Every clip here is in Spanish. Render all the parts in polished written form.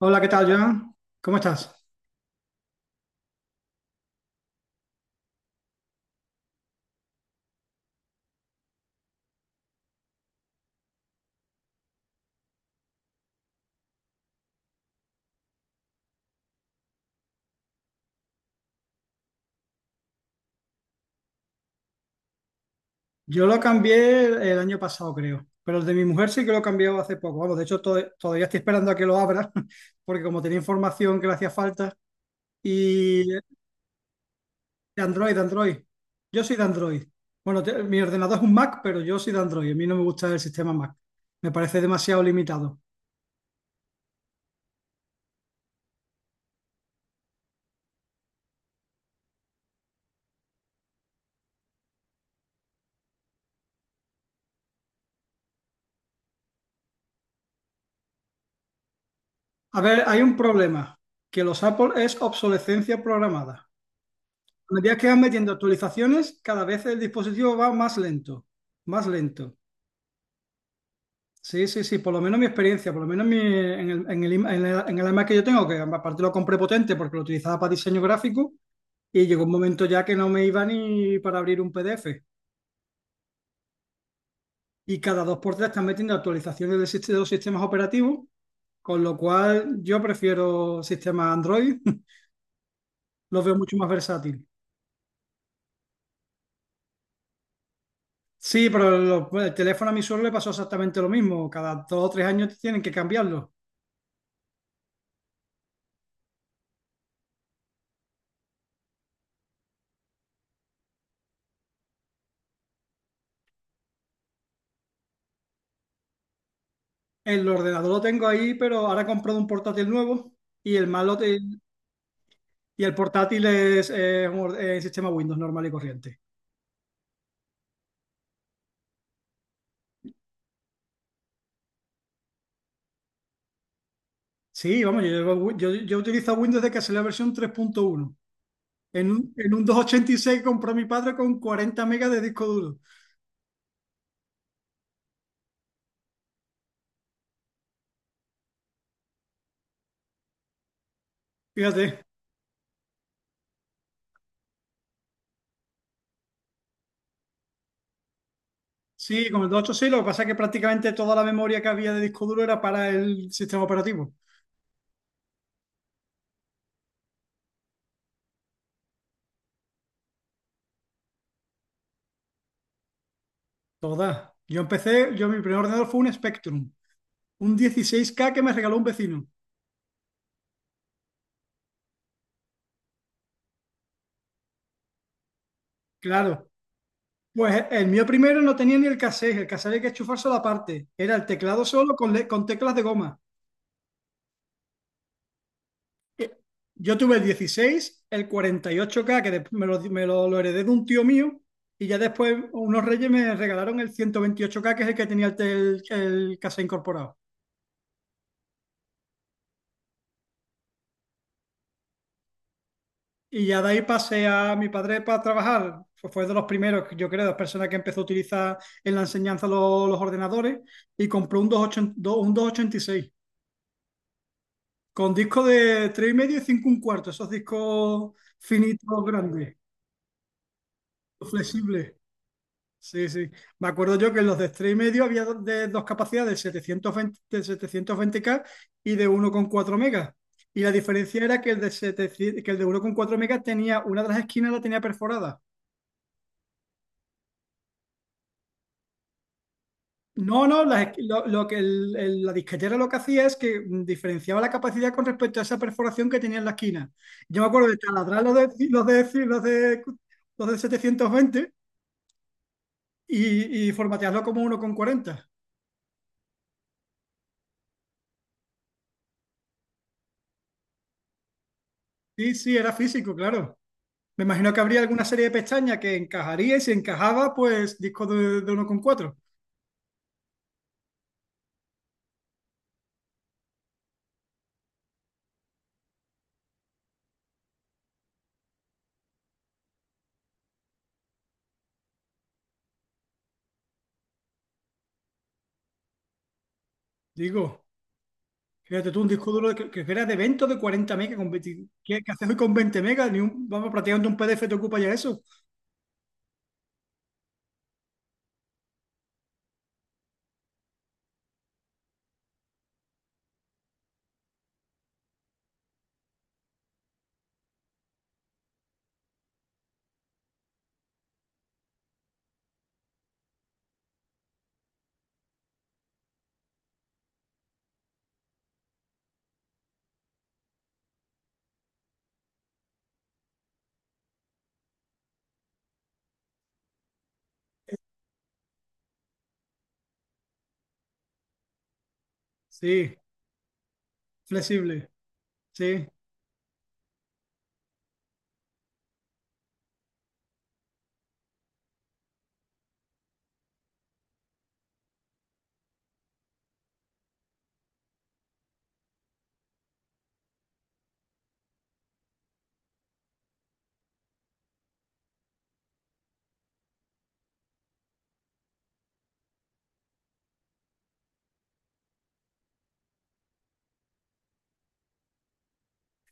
Hola, ¿qué tal, Joan? ¿Cómo estás? Yo lo cambié el año pasado, creo, pero el de mi mujer sí que lo cambió hace poco. Vamos, de hecho, todavía estoy esperando a que lo abra, porque como tenía información que le hacía falta, y de Android, de Android. Yo soy de Android. Bueno, mi ordenador es un Mac, pero yo soy de Android. A mí no me gusta el sistema Mac. Me parece demasiado limitado. A ver, hay un problema, que los Apple es obsolescencia programada. A medida que van metiendo actualizaciones, cada vez el dispositivo va más lento, más lento. Sí, sí, sí, por lo menos mi experiencia, por lo menos mi- en el, im- en el iMac que yo tengo, que aparte lo compré potente porque lo utilizaba para diseño gráfico, y llegó un momento ya que no me iba ni para abrir un PDF. Y cada dos por tres están metiendo actualizaciones de los sistemas operativos, con lo cual yo prefiero sistemas Android, los veo mucho más versátiles. Sí, pero el teléfono a mi suelo le pasó exactamente lo mismo, cada dos o tres años tienen que cambiarlo. El ordenador lo tengo ahí, pero ahora he comprado un portátil nuevo. Y el malo. Y el portátil es un es sistema Windows normal y corriente. Sí, vamos, yo utilizo Windows desde que salió la versión 3.1. En un 286 compró mi padre con 40 megas de disco duro. Fíjate. Sí, con el 286 lo que pasa es que prácticamente toda la memoria que había de disco duro era para el sistema operativo. Toda. Yo mi primer ordenador fue un Spectrum, un 16K que me regaló un vecino. Claro. Pues el mío primero no tenía ni el cassette, el cassette había que enchufárselo aparte. Era el teclado solo con, con teclas de goma. Yo tuve el 16, el 48K que después lo heredé de un tío mío, y ya después unos reyes me regalaron el 128K que es el que tenía el casa incorporado. Y ya de ahí pasé a mi padre para trabajar. Fue de los primeros, yo creo, de las personas que empezó a utilizar en la enseñanza los ordenadores, y compró un 28 ochenta un seis con disco de tres y medio y 5 un cuarto, esos discos finitos, grandes, flexibles. Sí, sí. Me acuerdo yo que en los de tres y medio había de dos capacidades, 720 de 720K y de 1,4 megas. Y la diferencia era que 700 que el de 1,4 megas tenía, una de las esquinas la tenía perforada. No, no, lo que la disquetera lo que hacía es que diferenciaba la capacidad con respecto a esa perforación que tenía en la esquina. Yo me acuerdo de taladrar los de 720 y formatearlo como 1,40. Sí, sí, era físico, claro. Me imagino que habría alguna serie de pestañas que encajaría y si encajaba, pues disco de 1,4. Digo, fíjate tú, un disco duro que era de evento de 40 megas. Con 20, ¿qué, qué haces hoy con 20 megas? Ni un, vamos, prácticamente un PDF te ocupa ya eso. Sí, flexible. Sí,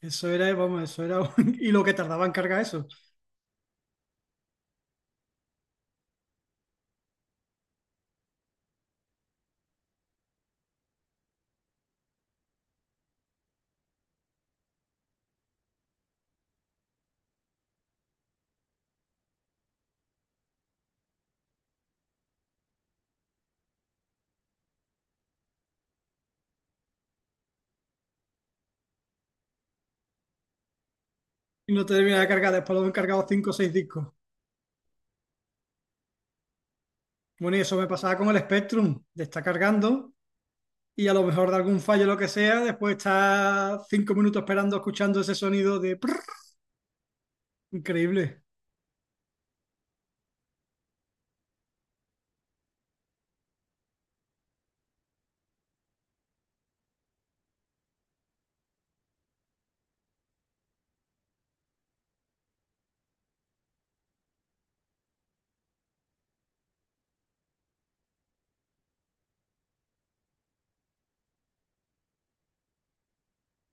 eso era, vamos, eso era y lo que tardaba en cargar eso. Y no te terminaba de cargar, después lo he encargado 5 o 6 discos. Bueno, y eso me pasaba con el Spectrum, de estar cargando. Y a lo mejor de algún fallo, o lo que sea, después está 5 minutos esperando, escuchando ese sonido de prrr. Increíble.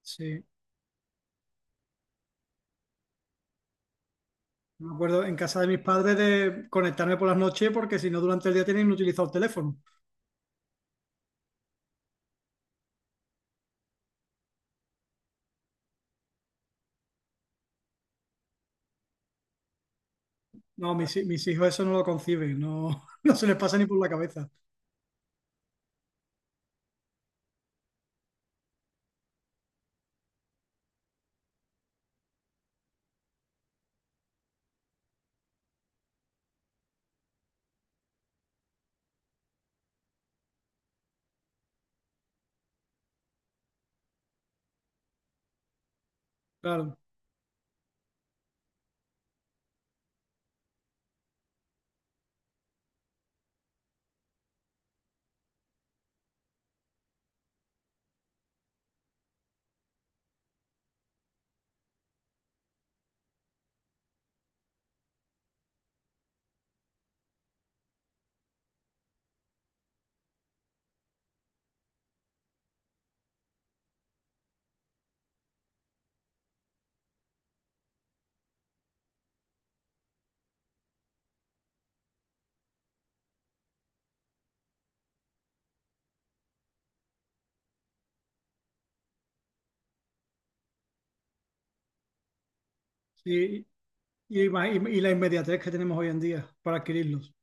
Sí, me acuerdo en casa de mis padres de conectarme por las noches porque si no durante el día tienen inutilizado el teléfono. No, mis hijos eso no lo conciben, no, no se les pasa ni por la cabeza. Claro. Sí, y la inmediatez que tenemos hoy en día para adquirirlos.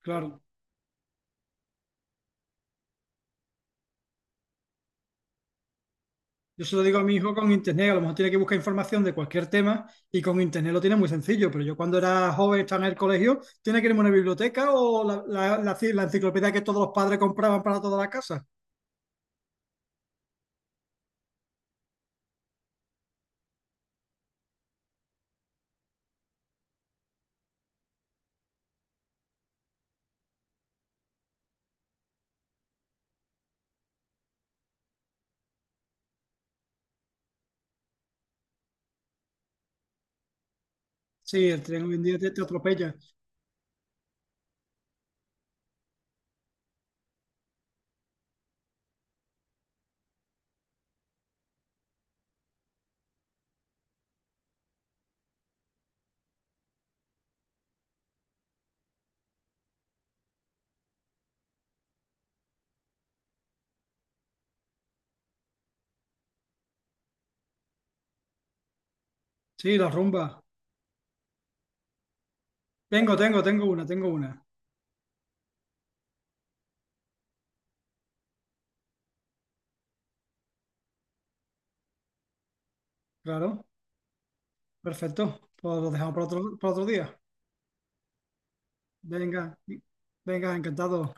Claro. Yo se lo digo a mi hijo con internet, a lo mejor tiene que buscar información de cualquier tema y con internet lo tiene muy sencillo, pero yo cuando era joven, estaba en el colegio, tiene que irme a una biblioteca o la enciclopedia que todos los padres compraban para toda la casa. Sí, el tren hoy en día te atropella. Sí, la rumba. Tengo una. Claro, perfecto. Pues lo dejamos para otro día. Venga, venga, encantado.